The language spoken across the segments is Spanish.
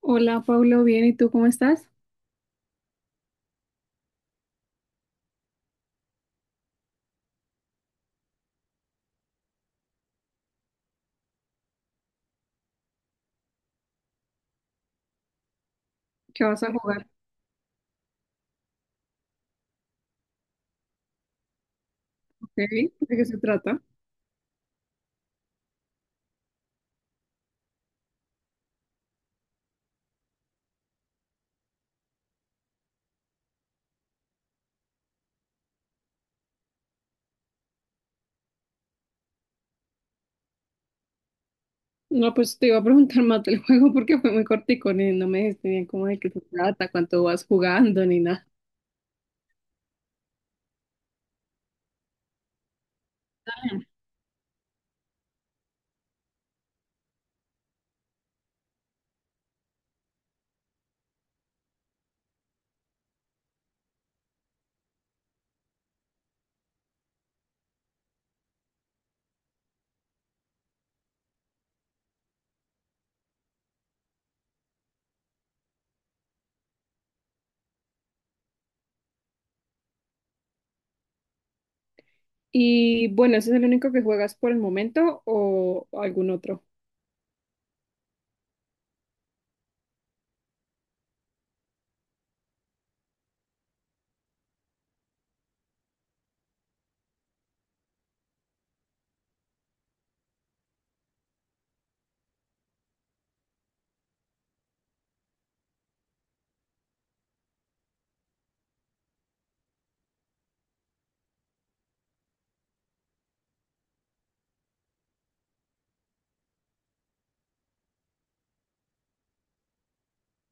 Hola, Pablo, bien, ¿y tú cómo estás? ¿Qué vas a jugar? Ok, ¿de qué se trata? No, pues te iba a preguntar más del juego porque fue muy cortico, no me dijiste bien cómo de qué se trata, cuánto vas jugando, ni nada. Y bueno, ¿ese es el único que juegas por el momento o algún otro?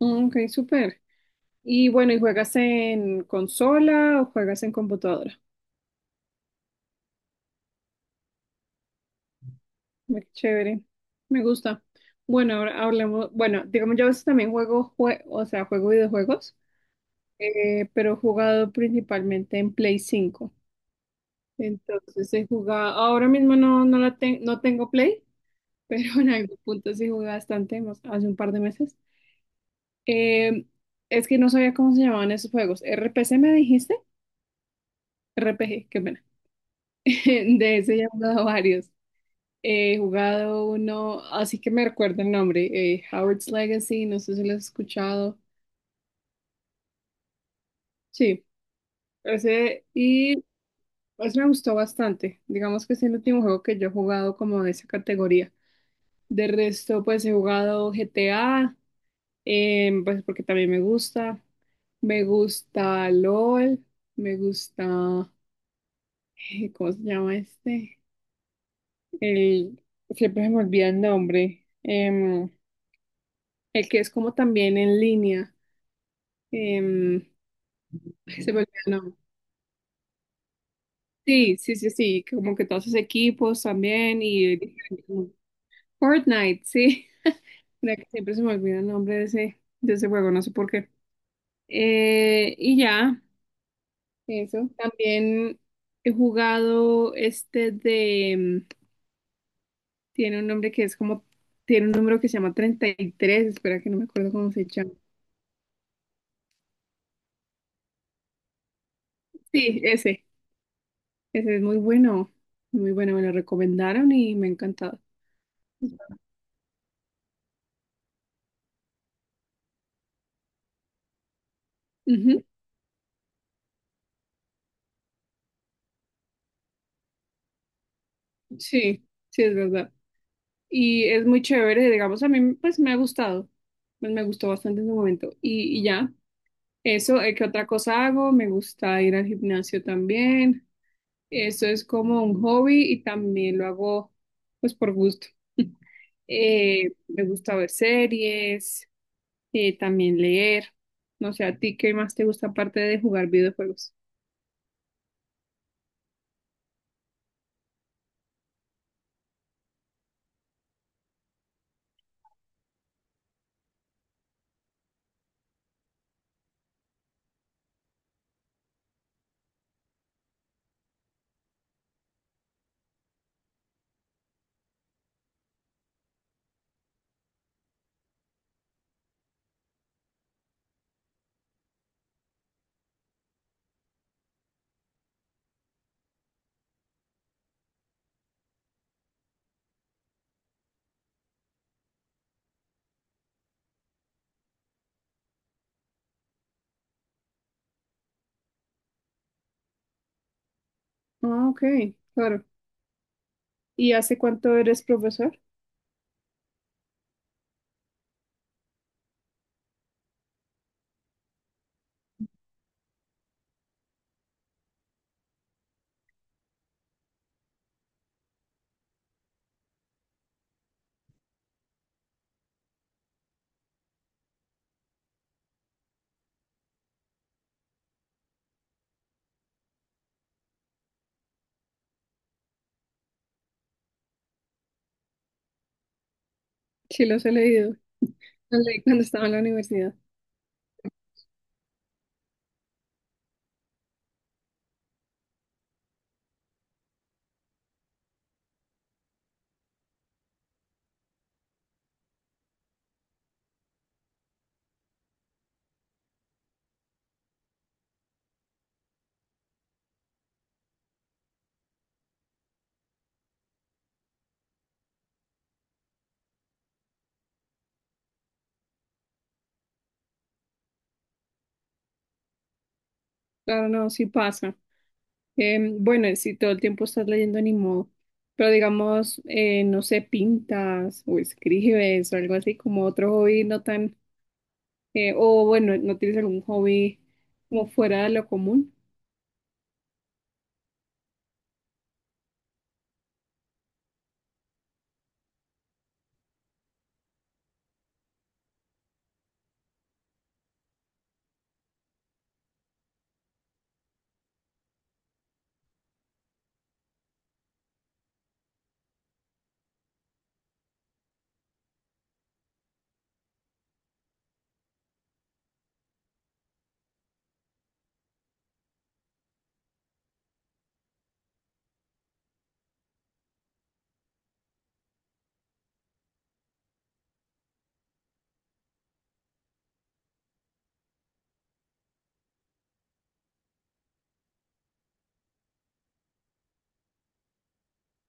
Mm, ok, súper. Y bueno, ¿y juegas en consola o juegas en computadora? Ve, qué chévere, me gusta. Bueno, ahora hablemos, bueno, digamos, yo a veces también juego, o sea, juego videojuegos. Pero he jugado principalmente en Play 5. Entonces he jugado, ahora mismo no, no, no tengo Play. Pero en algún punto sí jugué bastante, hace un par de meses. Eh, es que no sabía cómo se llamaban esos juegos. ¿RPC me dijiste? RPG, qué pena. De ese ya he jugado varios. He jugado uno, así que me recuerdo el nombre, Howard's Legacy, no sé si lo has escuchado. Sí, ese. Y pues me gustó bastante. Digamos que es el último juego que yo he jugado como de esa categoría. De resto, pues he jugado GTA, pues porque también me gusta. Me gusta LOL, me gusta, ¿cómo se llama este? El, Siempre se me olvida el nombre. El que es como también en línea. Em, Ay, se me olvida el nombre. Sí, sí, sí, sí, como que todos esos equipos también y Fortnite, sí. Mira que siempre se me olvida el nombre de ese juego, no sé por qué. Y ya, eso. También he jugado este de, mm, tiene un nombre que es como, tiene un número que se llama 33. Espera, que no me acuerdo cómo se llama. Sí, ese, es muy bueno, muy bueno, me lo recomendaron y me ha encantado. Ujú, sí, sí, es verdad. Y es muy chévere, digamos, a mí pues me ha gustado, pues, me gustó bastante en su momento. Y ya. Eso, ¿qué otra cosa hago? Me gusta ir al gimnasio también. Eso es como un hobby y también lo hago pues por gusto. Me gusta ver series, también leer. No sé, ¿a ti qué más te gusta aparte de jugar videojuegos? Ah, ok, claro. ¿Y hace cuánto eres profesor? Sí, los he leído. Los leí cuando estaba en la universidad. Claro, no, sí pasa. Bueno, y si todo el tiempo estás leyendo, ni modo. Pero digamos, no sé, ¿pintas o escribes o algo así como otro hobby no tan... o bueno, no tienes algún hobby como fuera de lo común?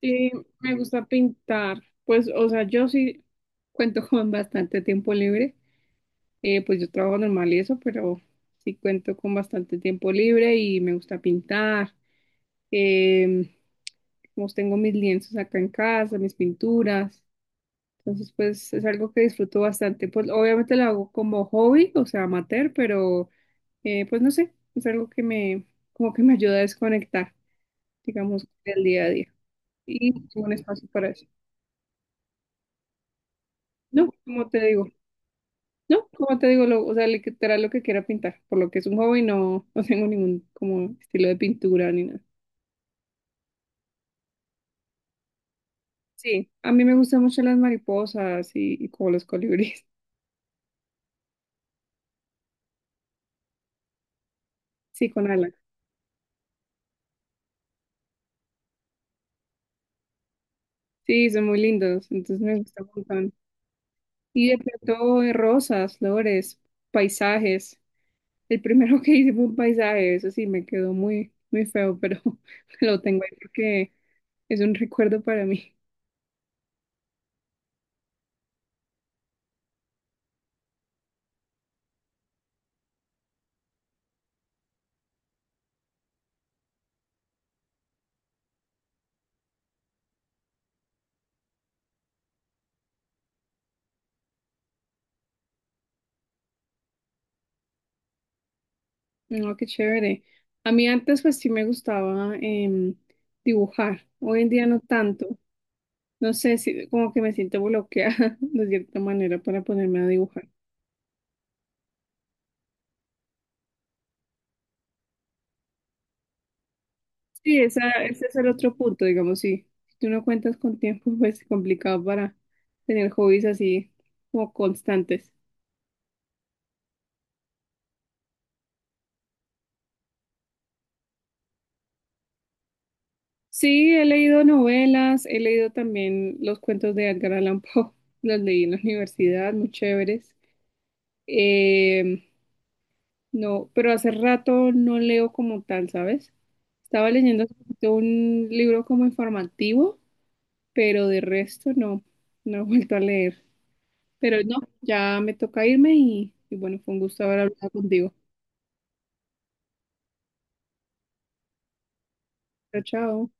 Sí, me gusta pintar. Pues, o sea, yo sí cuento con bastante tiempo libre. Pues yo trabajo normal y eso, pero sí cuento con bastante tiempo libre y me gusta pintar. Em, pues tengo mis lienzos acá en casa, mis pinturas. Entonces, pues es algo que disfruto bastante. Pues obviamente lo hago como hobby, o sea, amateur, pero pues no sé, es algo que me, como que me ayuda a desconectar, digamos, del día a día. Y tengo un espacio para eso. No, como te digo, no, como te digo, lo, o sea, literal lo que quiera pintar, por lo que es un hobby, no, no tengo ningún como estilo de pintura ni nada. Sí, a mí me gustan mucho las mariposas y como los colibríes. Sí, con alas. Sí, son muy lindos, entonces me gusta mucho. Y de pronto rosas, flores, paisajes. El primero que hice fue un paisaje, eso sí me quedó muy, muy feo, pero lo tengo ahí porque es un recuerdo para mí. No, qué chévere. A mí antes pues sí me gustaba dibujar, hoy en día no tanto. No sé si como que me siento bloqueada de cierta manera para ponerme a dibujar. Sí, ese es el otro punto, digamos, sí. Si tú no cuentas con tiempo, pues es complicado para tener hobbies así como constantes. Sí, he leído novelas, he leído también los cuentos de Edgar Allan Poe, los leí en la universidad, muy chéveres. Eh, no, pero hace rato no leo como tal, ¿sabes? Estaba leyendo hace poquito un libro como informativo, pero de resto no, no he vuelto a leer. Pero no, ya me toca irme y bueno, fue un gusto haber hablado contigo. Chao, chao.